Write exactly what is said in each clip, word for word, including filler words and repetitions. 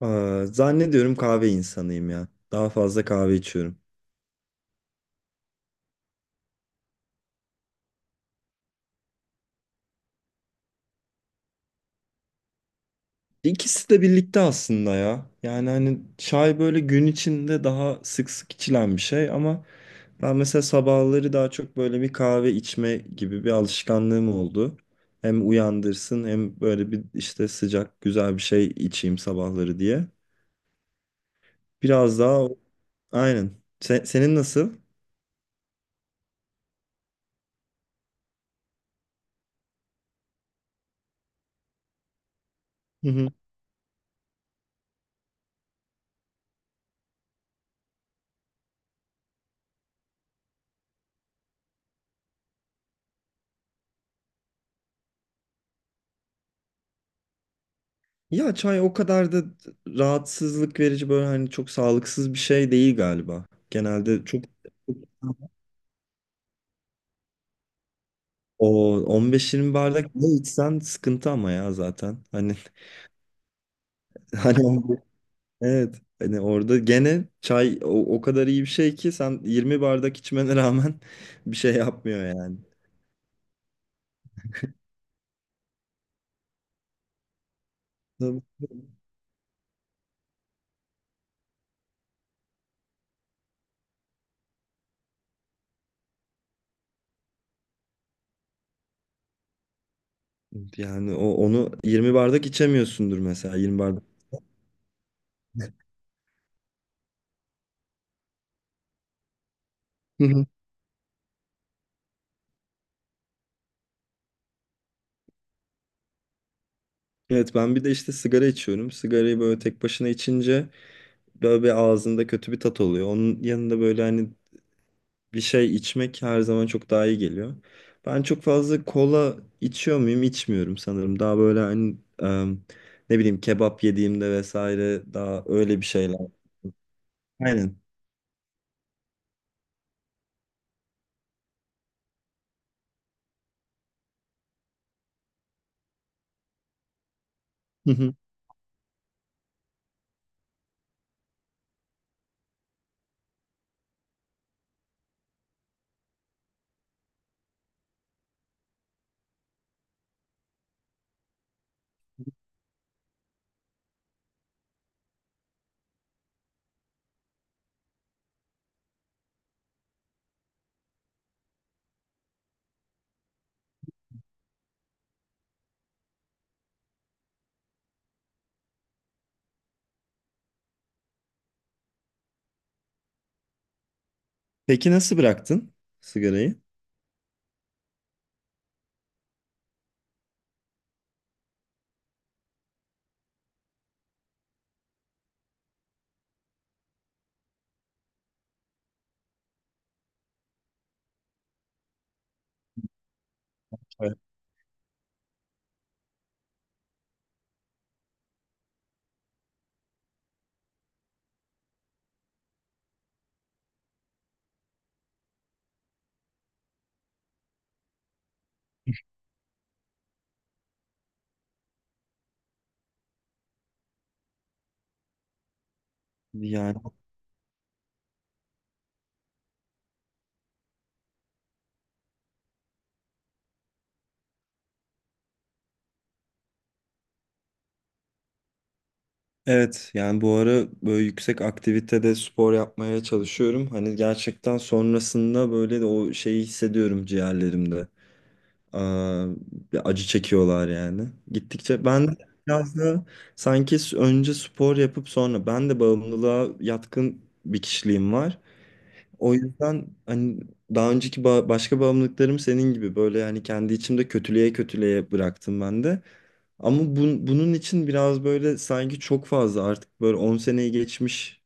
Aa, zannediyorum kahve insanıyım ya. Daha fazla kahve içiyorum. İkisi de birlikte aslında ya. Yani hani çay böyle gün içinde daha sık sık içilen bir şey ama ben mesela sabahları daha çok böyle bir kahve içme gibi bir alışkanlığım oldu. Hem uyandırsın hem böyle bir işte sıcak güzel bir şey içeyim sabahları diye. Biraz daha o- aynen. Se- senin nasıl? Ya çay o kadar da rahatsızlık verici böyle hani çok sağlıksız bir şey değil galiba. Genelde çok o on beş yirmi bardak ne içsen sıkıntı ama ya zaten. Hani hani o- evet, hani orada gene çay o, o kadar iyi bir şey ki sen yirmi bardak içmene rağmen bir şey yapmıyor yani. Tabii. Yani o onu yirmi bardak içemiyorsundur mesela yirmi bardak. Hı hı. Evet, ben bir de işte sigara içiyorum. Sigarayı böyle tek başına içince böyle bir ağzında kötü bir tat oluyor. Onun yanında böyle hani bir şey içmek her zaman çok daha iyi geliyor. Ben çok fazla kola içiyor muyum? İçmiyorum sanırım. Daha böyle hani em, ne bileyim kebap yediğimde vesaire daha öyle bir şeyler. Aynen. Hı hı. Peki nasıl bıraktın sigarayı? Evet. Yani evet, yani bu ara böyle yüksek aktivitede spor yapmaya çalışıyorum. Hani gerçekten sonrasında böyle de o şeyi hissediyorum ciğerlerimde. Aa, bir acı çekiyorlar yani. Gittikçe ben de biraz da sanki s- önce spor yapıp sonra ben de bağımlılığa yatkın bir kişiliğim var. O yüzden hani daha önceki ba- başka bağımlılıklarım senin gibi böyle yani kendi içimde kötülüğe kötülüğe bıraktım ben de. Ama bun- bunun için biraz böyle sanki çok fazla artık böyle on seneyi geçmiş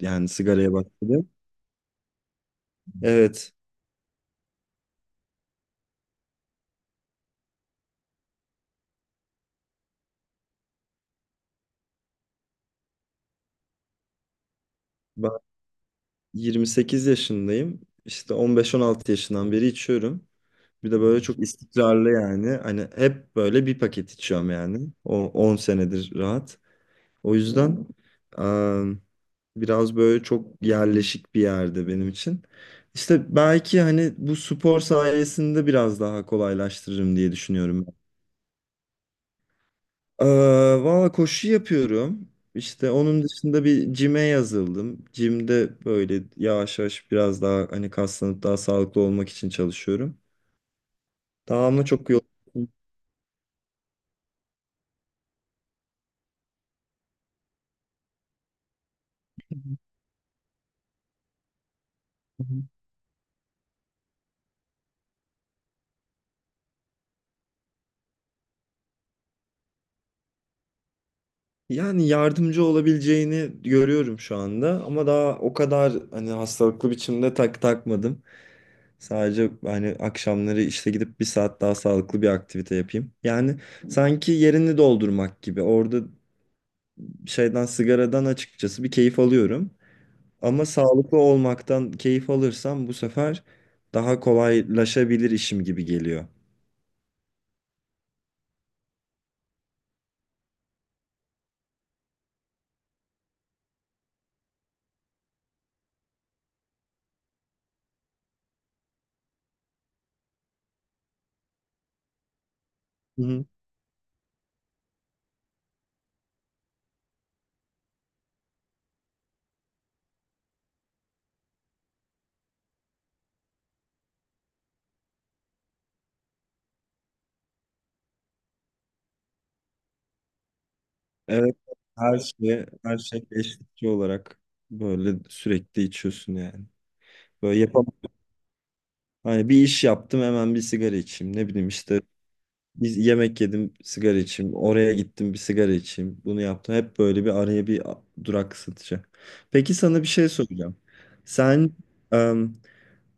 yani sigaraya başladım. Evet, ben yirmi sekiz yaşındayım. İşte on beş on altı yaşından beri içiyorum. Bir de böyle çok istikrarlı yani. Hani hep böyle bir paket içiyorum yani. O on senedir rahat. O yüzden em, biraz böyle çok yerleşik bir yerde benim için. İşte belki hani bu spor sayesinde biraz daha kolaylaştırırım diye düşünüyorum. Ee, Valla koşu yapıyorum. İşte onun dışında bir cime yazıldım. Cimde böyle yavaş yavaş biraz daha hani kaslanıp daha sağlıklı olmak için çalışıyorum. Daha ama çok yol. Yani yardımcı olabileceğini görüyorum şu anda ama daha o kadar hani hastalıklı biçimde tak takmadım. Sadece hani akşamları işte gidip bir saat daha sağlıklı bir aktivite yapayım. Yani sanki yerini doldurmak gibi. Orada şeyden sigaradan açıkçası bir keyif alıyorum. Ama sağlıklı olmaktan keyif alırsam bu sefer daha kolaylaşabilir işim gibi geliyor. Hı hı. Evet, her şey her şey eşlikçi olarak böyle sürekli içiyorsun yani. Böyle yapamam. Hani bir iş yaptım hemen bir sigara içeyim. Ne bileyim işte biz yemek yedim sigara içeyim. Oraya gittim bir sigara içeyim. Bunu yaptım. Hep böyle bir araya bir a- durak satacak. Peki sana bir şey soracağım. Sen em,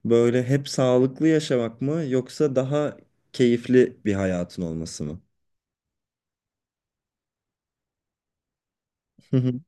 böyle hep sağlıklı yaşamak mı yoksa daha keyifli bir hayatın olması mı? Hı hı.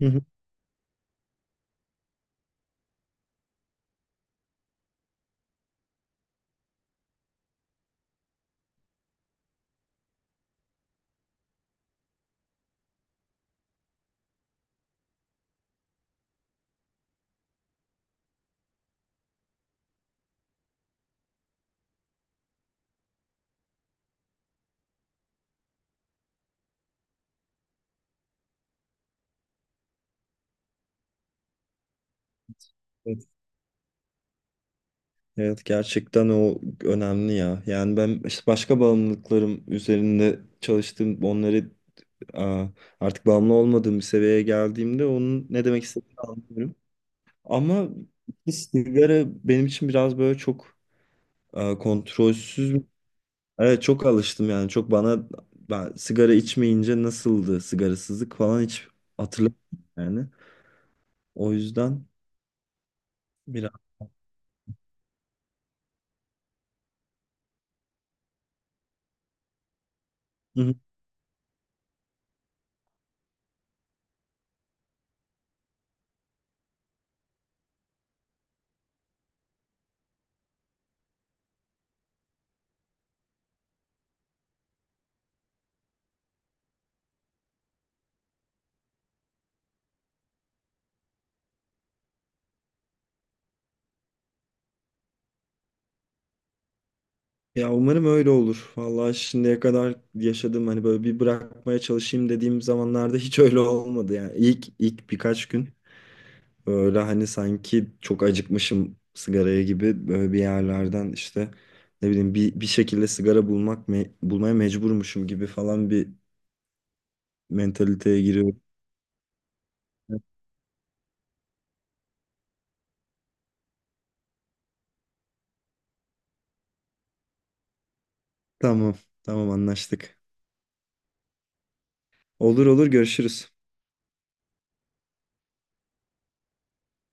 Hı hı. Evet, evet, gerçekten o önemli ya. Yani ben işte başka bağımlılıklarım üzerinde çalıştım. Onları Aa, artık bağımlı olmadığım bir seviyeye geldiğimde onun ne demek istediğini anlıyorum. Ama sigara benim için biraz böyle çok e, kontrolsüz. Evet, çok alıştım yani çok bana ben sigara içmeyince nasıldı sigarasızlık falan hiç hatırlamıyorum yani. O yüzden biraz Hı hı. Ya umarım öyle olur. Vallahi şimdiye kadar yaşadığım hani böyle bir bırakmaya çalışayım dediğim zamanlarda hiç öyle olmadı yani. İlk ilk birkaç gün böyle hani sanki çok acıkmışım sigaraya gibi böyle bir yerlerden işte ne bileyim bir, bir şekilde sigara bulmak me- bulmaya mecburmuşum gibi falan bir mentaliteye giriyorum. Tamam, tamam anlaştık. Olur olur görüşürüz.